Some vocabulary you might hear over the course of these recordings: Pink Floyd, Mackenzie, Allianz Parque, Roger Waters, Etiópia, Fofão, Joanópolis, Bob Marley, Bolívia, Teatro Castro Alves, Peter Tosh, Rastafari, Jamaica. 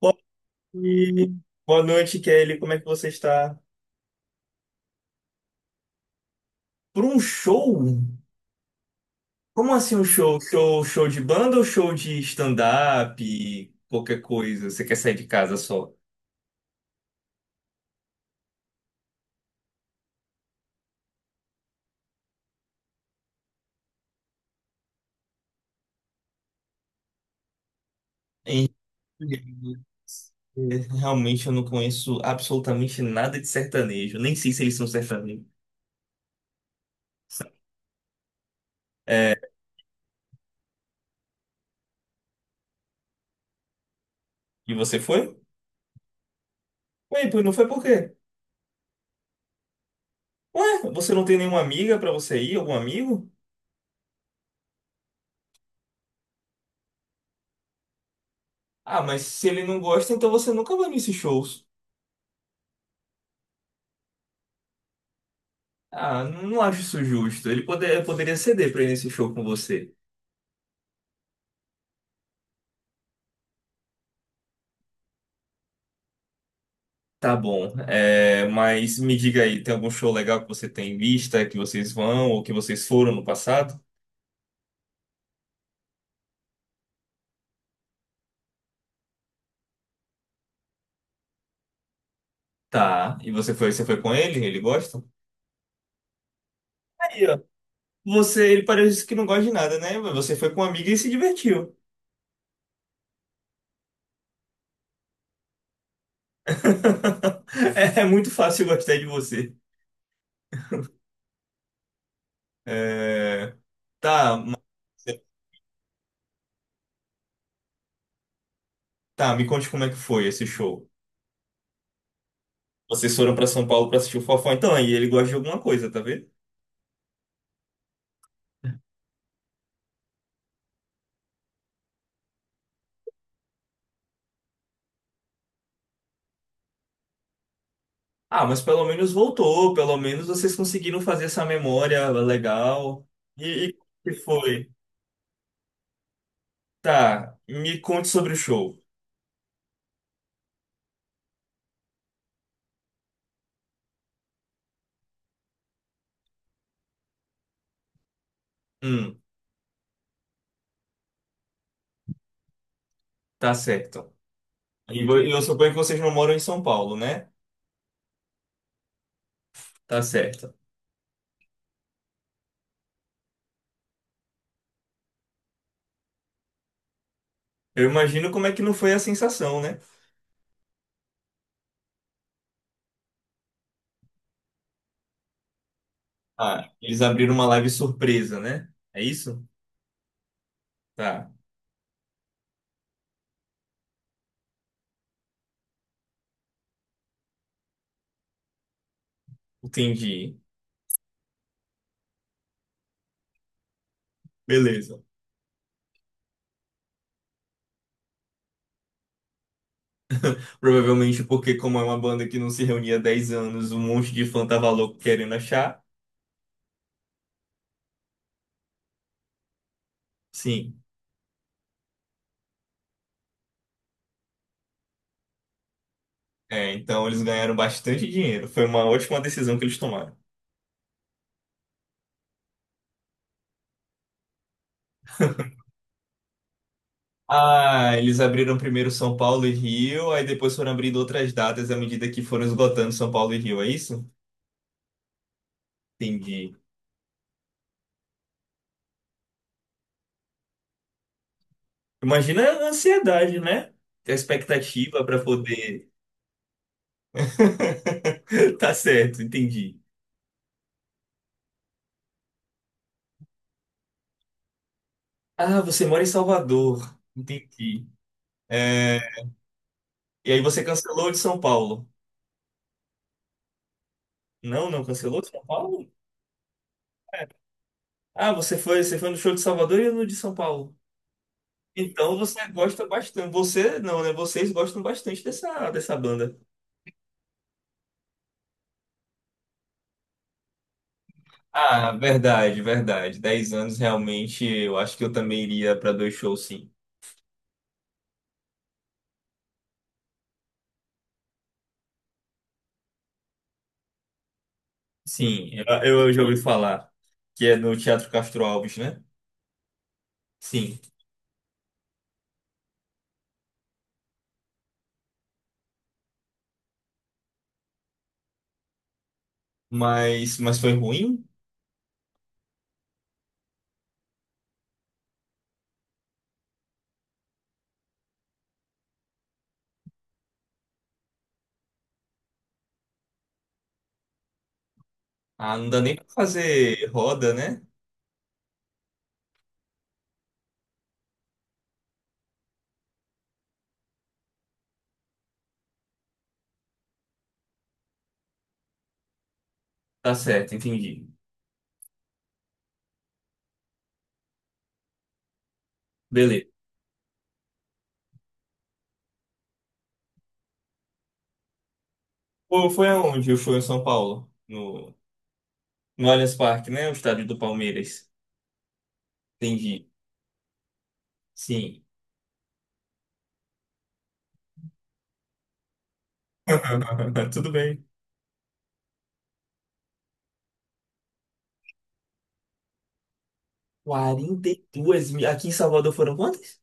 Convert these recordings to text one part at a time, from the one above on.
Bom dia. Boa noite, Kelly. Como é que você está? Por um show? Como assim um show? Show de banda ou show de stand-up? Qualquer coisa. Você quer sair de casa só? Hein? Realmente eu não conheço absolutamente nada de sertanejo. Nem sei se eles são sertanejos. É. E você foi? Ué, pois não foi por quê? Ué, você não tem nenhuma amiga pra você ir? Algum amigo? Ah, mas se ele não gosta, então você nunca vai nesses shows. Ah, não acho isso justo. Ele poderia ceder pra ir nesse show com você. Tá bom, é, mas me diga aí, tem algum show legal que você tem em vista, que vocês vão ou que vocês foram no passado? Tá, e você foi com ele? Ele gosta? Aí, ó, ele parece que não gosta de nada, né? Mas você foi com uma amiga e se divertiu. É, é muito fácil gostar de você. É, tá, ma- tá, me conte como é que foi esse show. Vocês foram pra São Paulo pra assistir o Fofão, então aí ele gosta de alguma coisa, tá vendo? Ah, mas pelo menos voltou, pelo menos vocês conseguiram fazer essa memória legal. E como que foi? Tá, me conte sobre o show. Hum, tá certo. E eu suponho que vocês não moram em São Paulo, né? Tá certo. Eu imagino como é que não foi a sensação, né? Ah, eles abriram uma live surpresa, né? É isso? Tá, entendi. Beleza. Provavelmente porque, como é uma banda que não se reunia há 10 anos, um monte de fã tava louco querendo achar. Sim. É, então eles ganharam bastante dinheiro. Foi uma ótima decisão que eles tomaram. Ah, eles abriram primeiro São Paulo e Rio, aí depois foram abrindo outras datas à medida que foram esgotando São Paulo e Rio, é isso? Entendi. Imagina a ansiedade, né? A expectativa para poder. Tá certo, entendi. Ah, você mora em Salvador. Entendi. É, e aí você cancelou de São Paulo? Não, não cancelou de São Paulo? É. Ah, você foi no show de Salvador e no de São Paulo. Então você gosta bastante. Você não, né? Vocês gostam bastante dessa banda. Ah, verdade, verdade. 10 anos realmente, eu acho que eu também iria para dois shows, sim. Sim, eu já ouvi falar que é no Teatro Castro Alves, né? Sim. Mas foi ruim? Ah, não dá nem pra fazer roda, né? Tá certo, entendi. Beleza. Pô, foi aonde o show em São Paulo? No, no Allianz Parque, né? O estádio do Palmeiras. Entendi. Sim. Tudo bem. 42 mil. Aqui em Salvador foram quantas?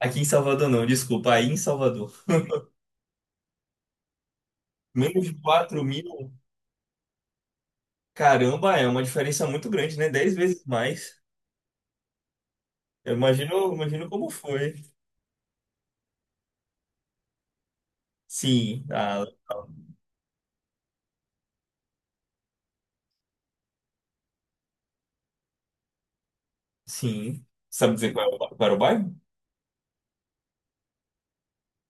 Aqui em Salvador não, desculpa, aí em Salvador. Menos de 4 mil. Caramba, é uma diferença muito grande, né? 10 vezes mais. Eu imagino, imagino como foi. Sim, ah, sim. Sabe dizer qual era o bairro?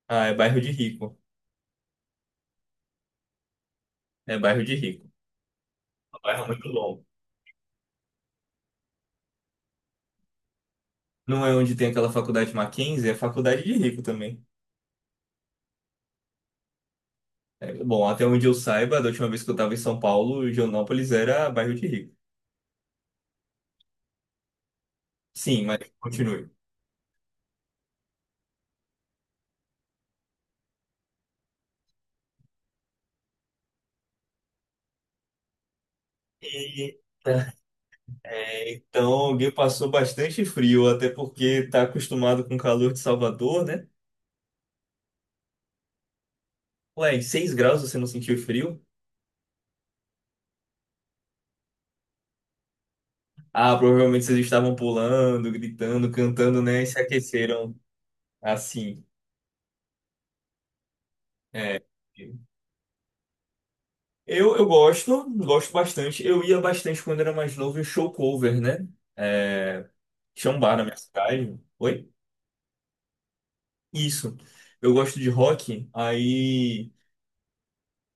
Ah, é bairro de rico. É bairro de rico. É um bairro muito longo. Não é onde tem aquela faculdade Mackenzie, é faculdade de rico também. É, bom, até onde eu saiba, da última vez que eu estava em São Paulo, Joanópolis era bairro de rico. Sim, mas continue. Eita. É, então, alguém passou bastante frio, até porque tá acostumado com o calor de Salvador, né? Ué, em 6 graus você não sentiu frio? Ah, provavelmente vocês estavam pulando, gritando, cantando, né? E se aqueceram assim. É. Eu gosto, gosto bastante. Eu ia bastante quando era mais novo em show cover, né? É, tinha um bar na minha cidade. Oi? Isso. Eu gosto de rock, aí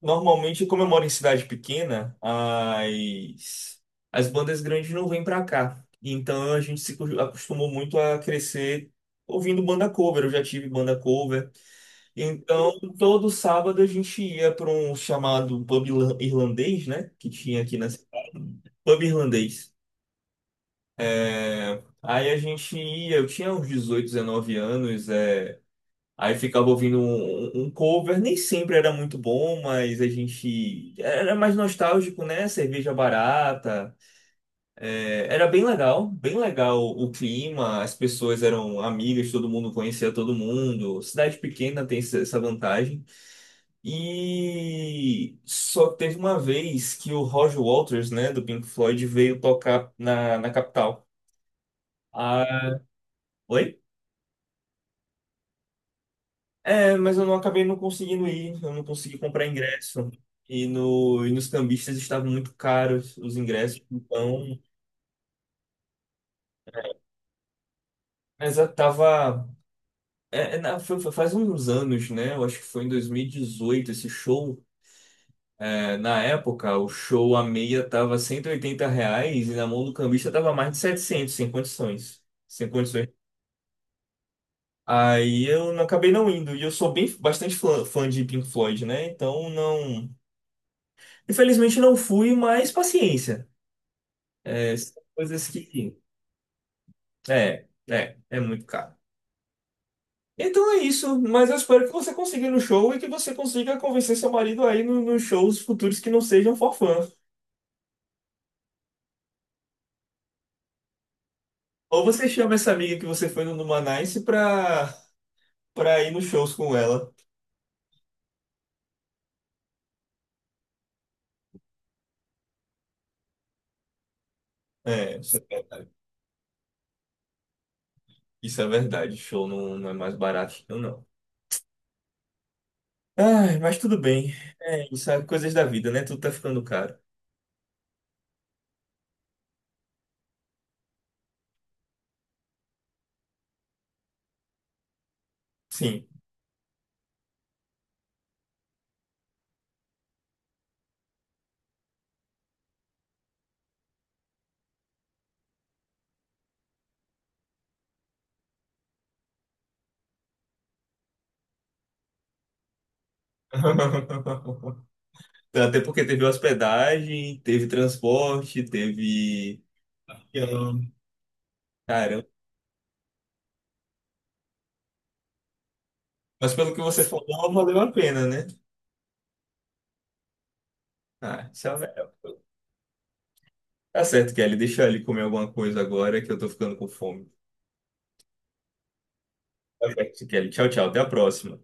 normalmente, como eu moro em cidade pequena, as bandas grandes não vêm pra cá. Então a gente se acostumou muito a crescer ouvindo banda cover. Eu já tive banda cover. Então todo sábado a gente ia para um chamado pub irlandês, né? Que tinha aqui na cidade. Pub irlandês. É, aí a gente ia, eu tinha uns 18 19 anos. É, aí ficava ouvindo um cover, nem sempre era muito bom, mas a gente era mais nostálgico, né? Cerveja barata. É, era bem legal o clima, as pessoas eram amigas, todo mundo conhecia todo mundo. Cidade pequena tem essa vantagem. E só que teve uma vez que o Roger Waters, né, do Pink Floyd, veio tocar na capital. Ah, oi? É, mas eu não acabei não conseguindo ir, eu não consegui comprar ingresso. E, no, e nos cambistas estavam muito caros os ingressos, então. Mas eu tava. É, é, na- foi- foi faz uns anos, né? Eu acho que foi em 2018 esse show. É, na época, o show a meia tava R$ 180 e na mão do cambista tava mais de 700 sem condições. Sem condições. Aí eu não acabei não indo. E eu sou bem bastante fã de Pink Floyd, né? Então não. Infelizmente não fui, mas paciência. É, são coisas que. É, é muito caro. Então é isso, mas eu espero que você consiga ir no show e que você consiga convencer seu marido aí nos shows futuros que não sejam forfã. Ou você chama essa amiga que você foi no Numanice pra ir nos shows com ela. É, isso é verdade. Isso é verdade. Show não, não é mais barato, não, não. Ai, mas tudo bem. É, isso é coisas da vida, né? Tudo tá ficando caro. Sim. Até porque teve hospedagem, teve transporte, teve. Eu, cara, mas pelo que você falou, não valeu a pena, né? Ah, tá certo, Kelly. Deixa ele comer alguma coisa agora que eu tô ficando com fome. Tá certo, Kelly. Tchau, tchau. Até a próxima.